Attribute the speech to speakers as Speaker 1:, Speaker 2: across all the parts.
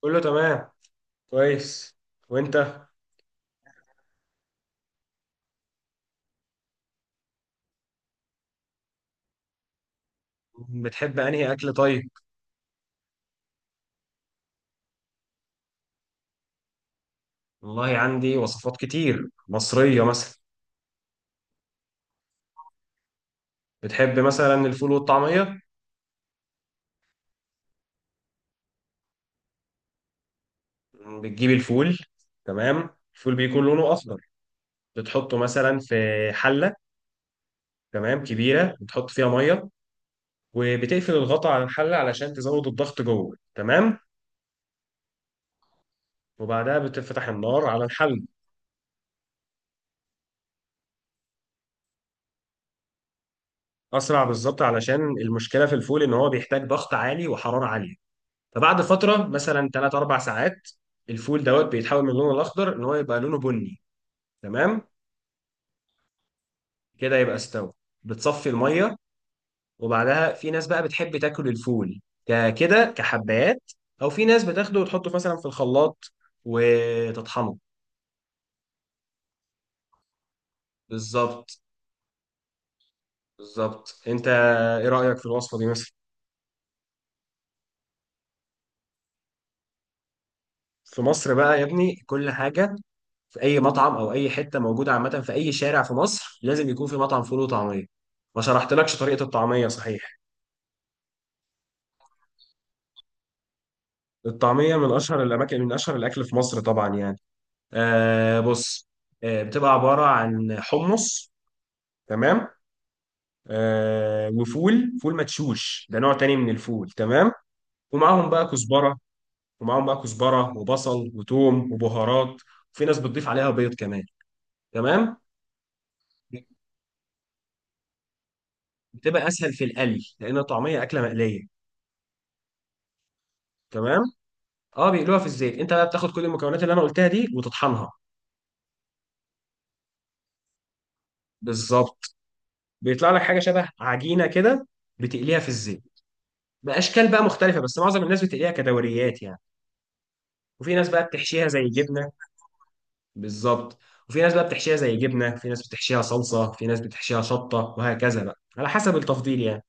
Speaker 1: كله تمام. كويس. وانت؟ بتحب انهي اكل طيب؟ والله عندي وصفات كتير مصرية، مثلا بتحب مثلا الفول والطعمية؟ بتجيب الفول، تمام. الفول بيكون لونه اخضر، بتحطه مثلا في حلة، تمام، كبيرة، بتحط فيها مية، وبتقفل الغطا على الحلة علشان تزود الضغط جوه، تمام. وبعدها بتفتح النار على الحل. اسرع بالظبط، علشان المشكلة في الفول ان هو بيحتاج ضغط عالي وحرارة عالية. فبعد فتره مثلا 3 4 ساعات الفول دوت بيتحول من لونه الاخضر ان هو يبقى لونه بني، تمام. كده يبقى استوى، بتصفي الميه. وبعدها في ناس بقى بتحب تاكل الفول كده كحبات، او في ناس بتاخده وتحطه مثلا في الخلاط وتطحنه. بالظبط، بالظبط انت. ايه رايك في الوصفه دي مثلا؟ في مصر بقى يا ابني كل حاجه، في اي مطعم او اي حته موجوده عامه، في اي شارع في مصر لازم يكون في مطعم فول وطعميه. ما شرحتلكش طريقه الطعميه، صحيح؟ الطعمية من أشهر الأماكن، من أشهر الأكل في مصر طبعا، يعني بص. بتبقى عبارة عن حمص، تمام، وفول، فول مدشوش، ده نوع تاني من الفول، تمام. ومعاهم بقى كزبرة، ومعاهم بقى كزبرة وبصل وتوم وبهارات، وفي ناس بتضيف عليها بيض كمان، تمام. بتبقى أسهل في القلي لأن الطعمية أكلة مقلية. تمام، اه بيقلوها في الزيت. انت بقى بتاخد كل المكونات اللي انا قلتها دي وتطحنها. بالظبط، بيطلع لك حاجه شبه عجينه كده، بتقليها في الزيت باشكال بقى مختلفه، بس معظم الناس بتقليها كدوريات يعني. وفي ناس بقى بتحشيها زي جبنه، بالظبط. وفي ناس بقى بتحشيها زي جبنه، في ناس بتحشيها صلصه، في ناس بتحشيها شطه، وهكذا بقى على حسب التفضيل يعني.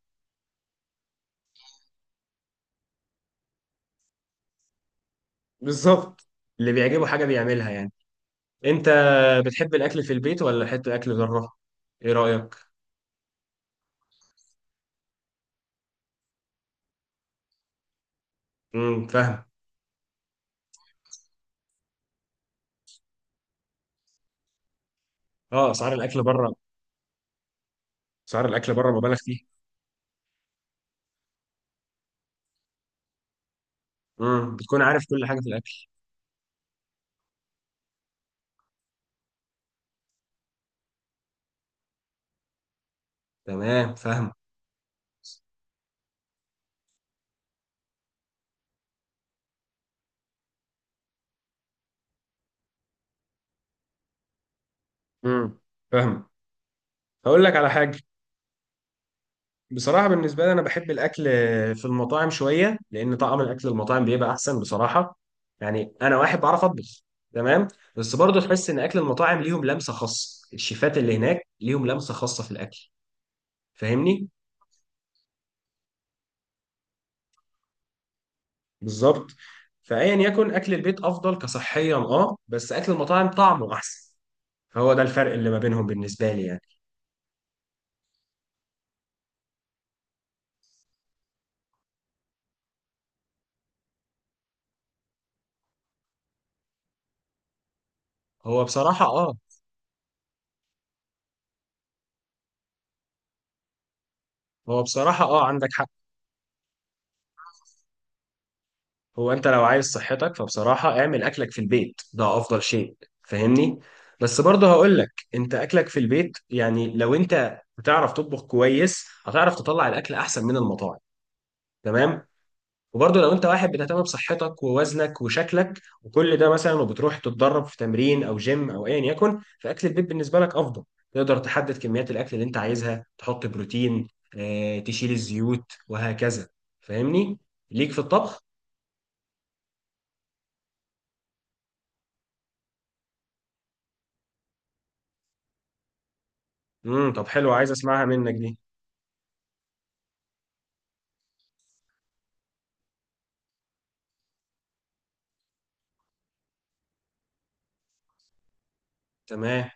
Speaker 1: بالظبط، اللي بيعجبه حاجه بيعملها يعني. انت بتحب الاكل في البيت ولا حته اكل بره؟ ايه رايك؟ فاهم. اه اسعار الاكل بره، اسعار الاكل بره مبالغ فيها. بتكون عارف كل حاجه في الاكل. تمام، فاهم. امم فاهم. هقول لك على حاجه. بصراحة بالنسبة لي أنا بحب الأكل في المطاعم شوية، لأن طعم الأكل المطاعم بيبقى أحسن بصراحة. يعني أنا واحد بعرف أطبخ، تمام. بس برضه تحس إن أكل المطاعم ليهم لمسة خاصة، الشيفات اللي هناك ليهم لمسة خاصة في الأكل، فاهمني؟ بالظبط. فأيا يكن، أكل البيت أفضل كصحيا، بس أكل المطاعم طعمه أحسن. فهو ده الفرق اللي ما بينهم بالنسبة لي يعني. هو بصراحة، هو بصراحة، عندك حق. هو انت لو عايز صحتك فبصراحة اعمل اكلك في البيت، ده افضل شيء، فاهمني. بس برضه هقول لك، انت اكلك في البيت يعني لو انت بتعرف تطبخ كويس هتعرف تطلع الاكل احسن من المطاعم، تمام. وبرضه لو انت واحد بتهتم بصحتك ووزنك وشكلك وكل ده مثلا، وبتروح تتدرب في تمرين او جيم او ايا يكن، فاكل البيت بالنسبة لك افضل. تقدر تحدد كميات الاكل اللي انت عايزها، تحط بروتين، تشيل الزيوت وهكذا، فاهمني، ليك في الطبخ. طب حلو، عايز اسمعها منك دي. تمام.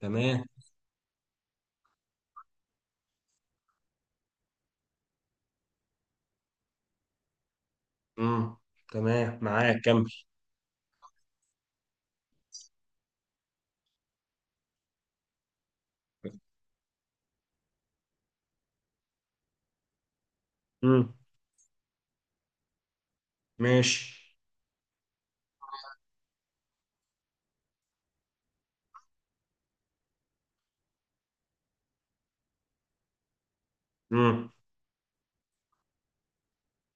Speaker 1: تمام. امم تمام معاك، كمل. امم ماشي. امم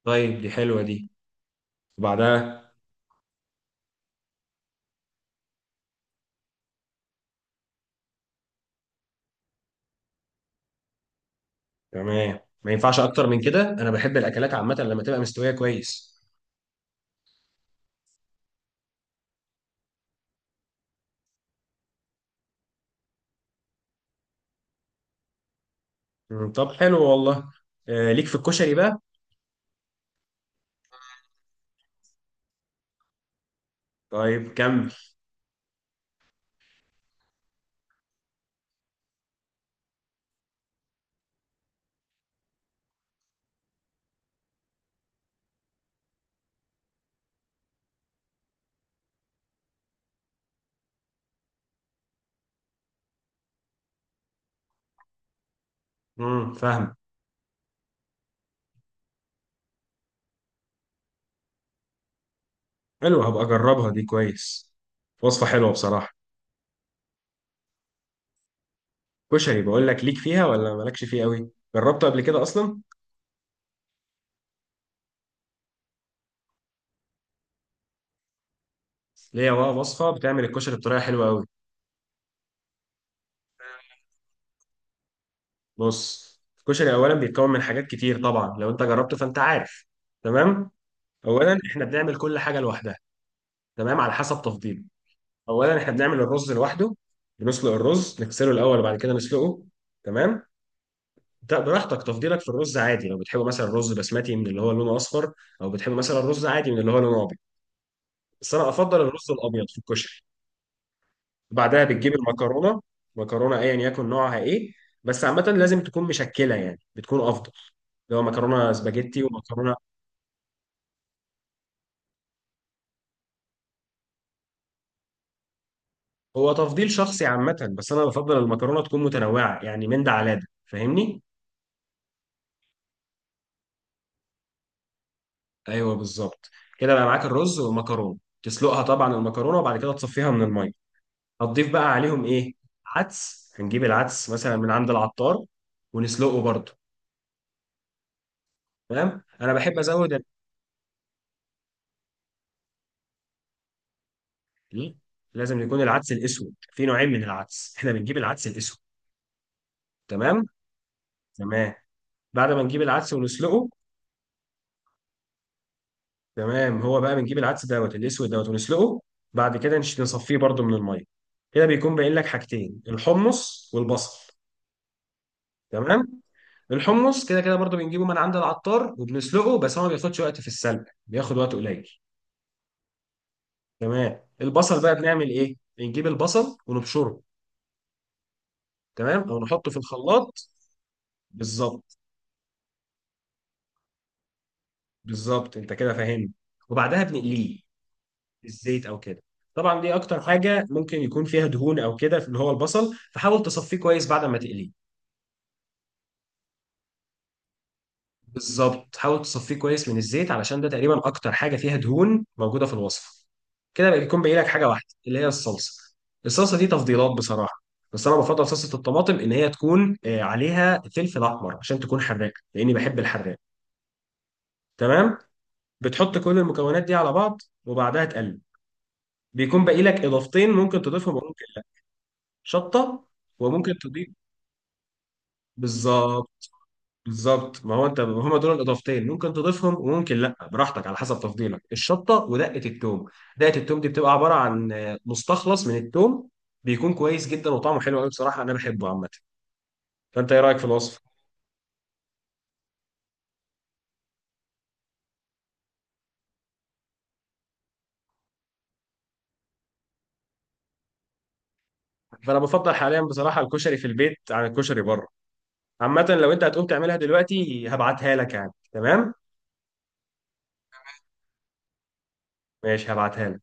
Speaker 1: طيب دي حلوه دي. وبعدها تمام، ما ينفعش اكتر من كده، انا بحب الاكلات عامه لما تبقى مستويه كويس. طب حلو والله. آه ليك في الكشري بقى. طيب كمل. فاهم. حلو، هبقى اجربها دي كويس، وصفه حلوه بصراحه. كشري، بقول لك ليك فيها ولا مالكش فيه قوي، جربته قبل كده اصلا؟ ليا بقى وصفه بتعمل الكشري بطريقه حلوه قوي. بص، الكشري اولا بيتكون من حاجات كتير طبعا، لو انت جربته فانت عارف، تمام. اولا احنا بنعمل كل حاجه لوحدها، تمام، على حسب تفضيله. اولا احنا بنعمل الرز لوحده، بنسلق الرز نغسله الاول وبعد كده نسلقه، تمام. ده براحتك، تفضيلك في الرز عادي لو بتحب مثلا الرز بسمتي من اللي هو لونه اصفر، او بتحب مثلا الرز عادي من اللي هو لونه ابيض، بس انا افضل الرز الابيض في الكشري. بعدها بتجيب المكرونه، مكرونه ايا يكن نوعها ايه، بس عامه لازم تكون مشكله يعني بتكون افضل، اللي هو مكرونه سباجيتي ومكرونه. هو تفضيل شخصي عامة، بس أنا بفضل المكرونة تكون متنوعة، يعني من ده على ده، فاهمني؟ أيوه بالظبط. كده بقى معاك الرز والمكرونة، تسلقها طبعا المكرونة وبعد كده تصفيها من المية. هتضيف بقى عليهم إيه؟ عدس، هنجيب العدس مثلا من عند العطار ونسلقه برضه. تمام؟ أنا بحب أزود ال-. إيه؟ لازم يكون العدس الأسود، في نوعين من العدس، إحنا بنجيب العدس الأسود، تمام؟ تمام. بعد ما نجيب العدس ونسلقه، تمام. هو بقى بنجيب العدس دوت الاسود دوت ونسلقه. بعد كده نصفيه برضو من الميه. كده بيكون باين لك حاجتين، الحمص والبصل، تمام. الحمص كده كده برضو بنجيبه من عند العطار وبنسلقه، بس هو ما بياخدش وقت في السلق، بياخد وقت قليل، تمام. البصل بقى بنعمل ايه؟ بنجيب البصل ونبشره، تمام، او نحطه في الخلاط. بالظبط، بالظبط انت كده فاهمني. وبعدها بنقليه في الزيت او كده. طبعا دي اكتر حاجه ممكن يكون فيها دهون او كده، اللي هو البصل، فحاول تصفيه كويس بعد ما تقليه. بالظبط، حاول تصفيه كويس من الزيت علشان ده تقريبا اكتر حاجه فيها دهون موجوده في الوصفه. كده بقى بيكون باقي لك حاجه واحده، اللي هي الصلصه. الصلصه دي تفضيلات بصراحه، بس انا بفضل صلصه الطماطم ان هي تكون عليها فلفل احمر عشان تكون حراقه، لاني بحب الحراق، تمام. بتحط كل المكونات دي على بعض وبعدها تقلب. بيكون باقي لك اضافتين ممكن تضيفهم، ممكن شطه وممكن تضيف، بالظبط. بالظبط، ما هو انت هما دول الاضافتين، ممكن تضيفهم وممكن لا، براحتك على حسب تفضيلك، الشطه ودقه التوم. دقه التوم دي بتبقى عباره عن مستخلص من التوم، بيكون كويس جدا وطعمه حلو قوي بصراحه، انا بحبه عامه. فانت ايه رايك في الوصف؟ فانا بفضل حاليا بصراحه الكشري في البيت عن الكشري بره. عامه لو انت هتقوم تعملها دلوقتي هبعتها لك يعني، تمام، ماشي هبعتها لك.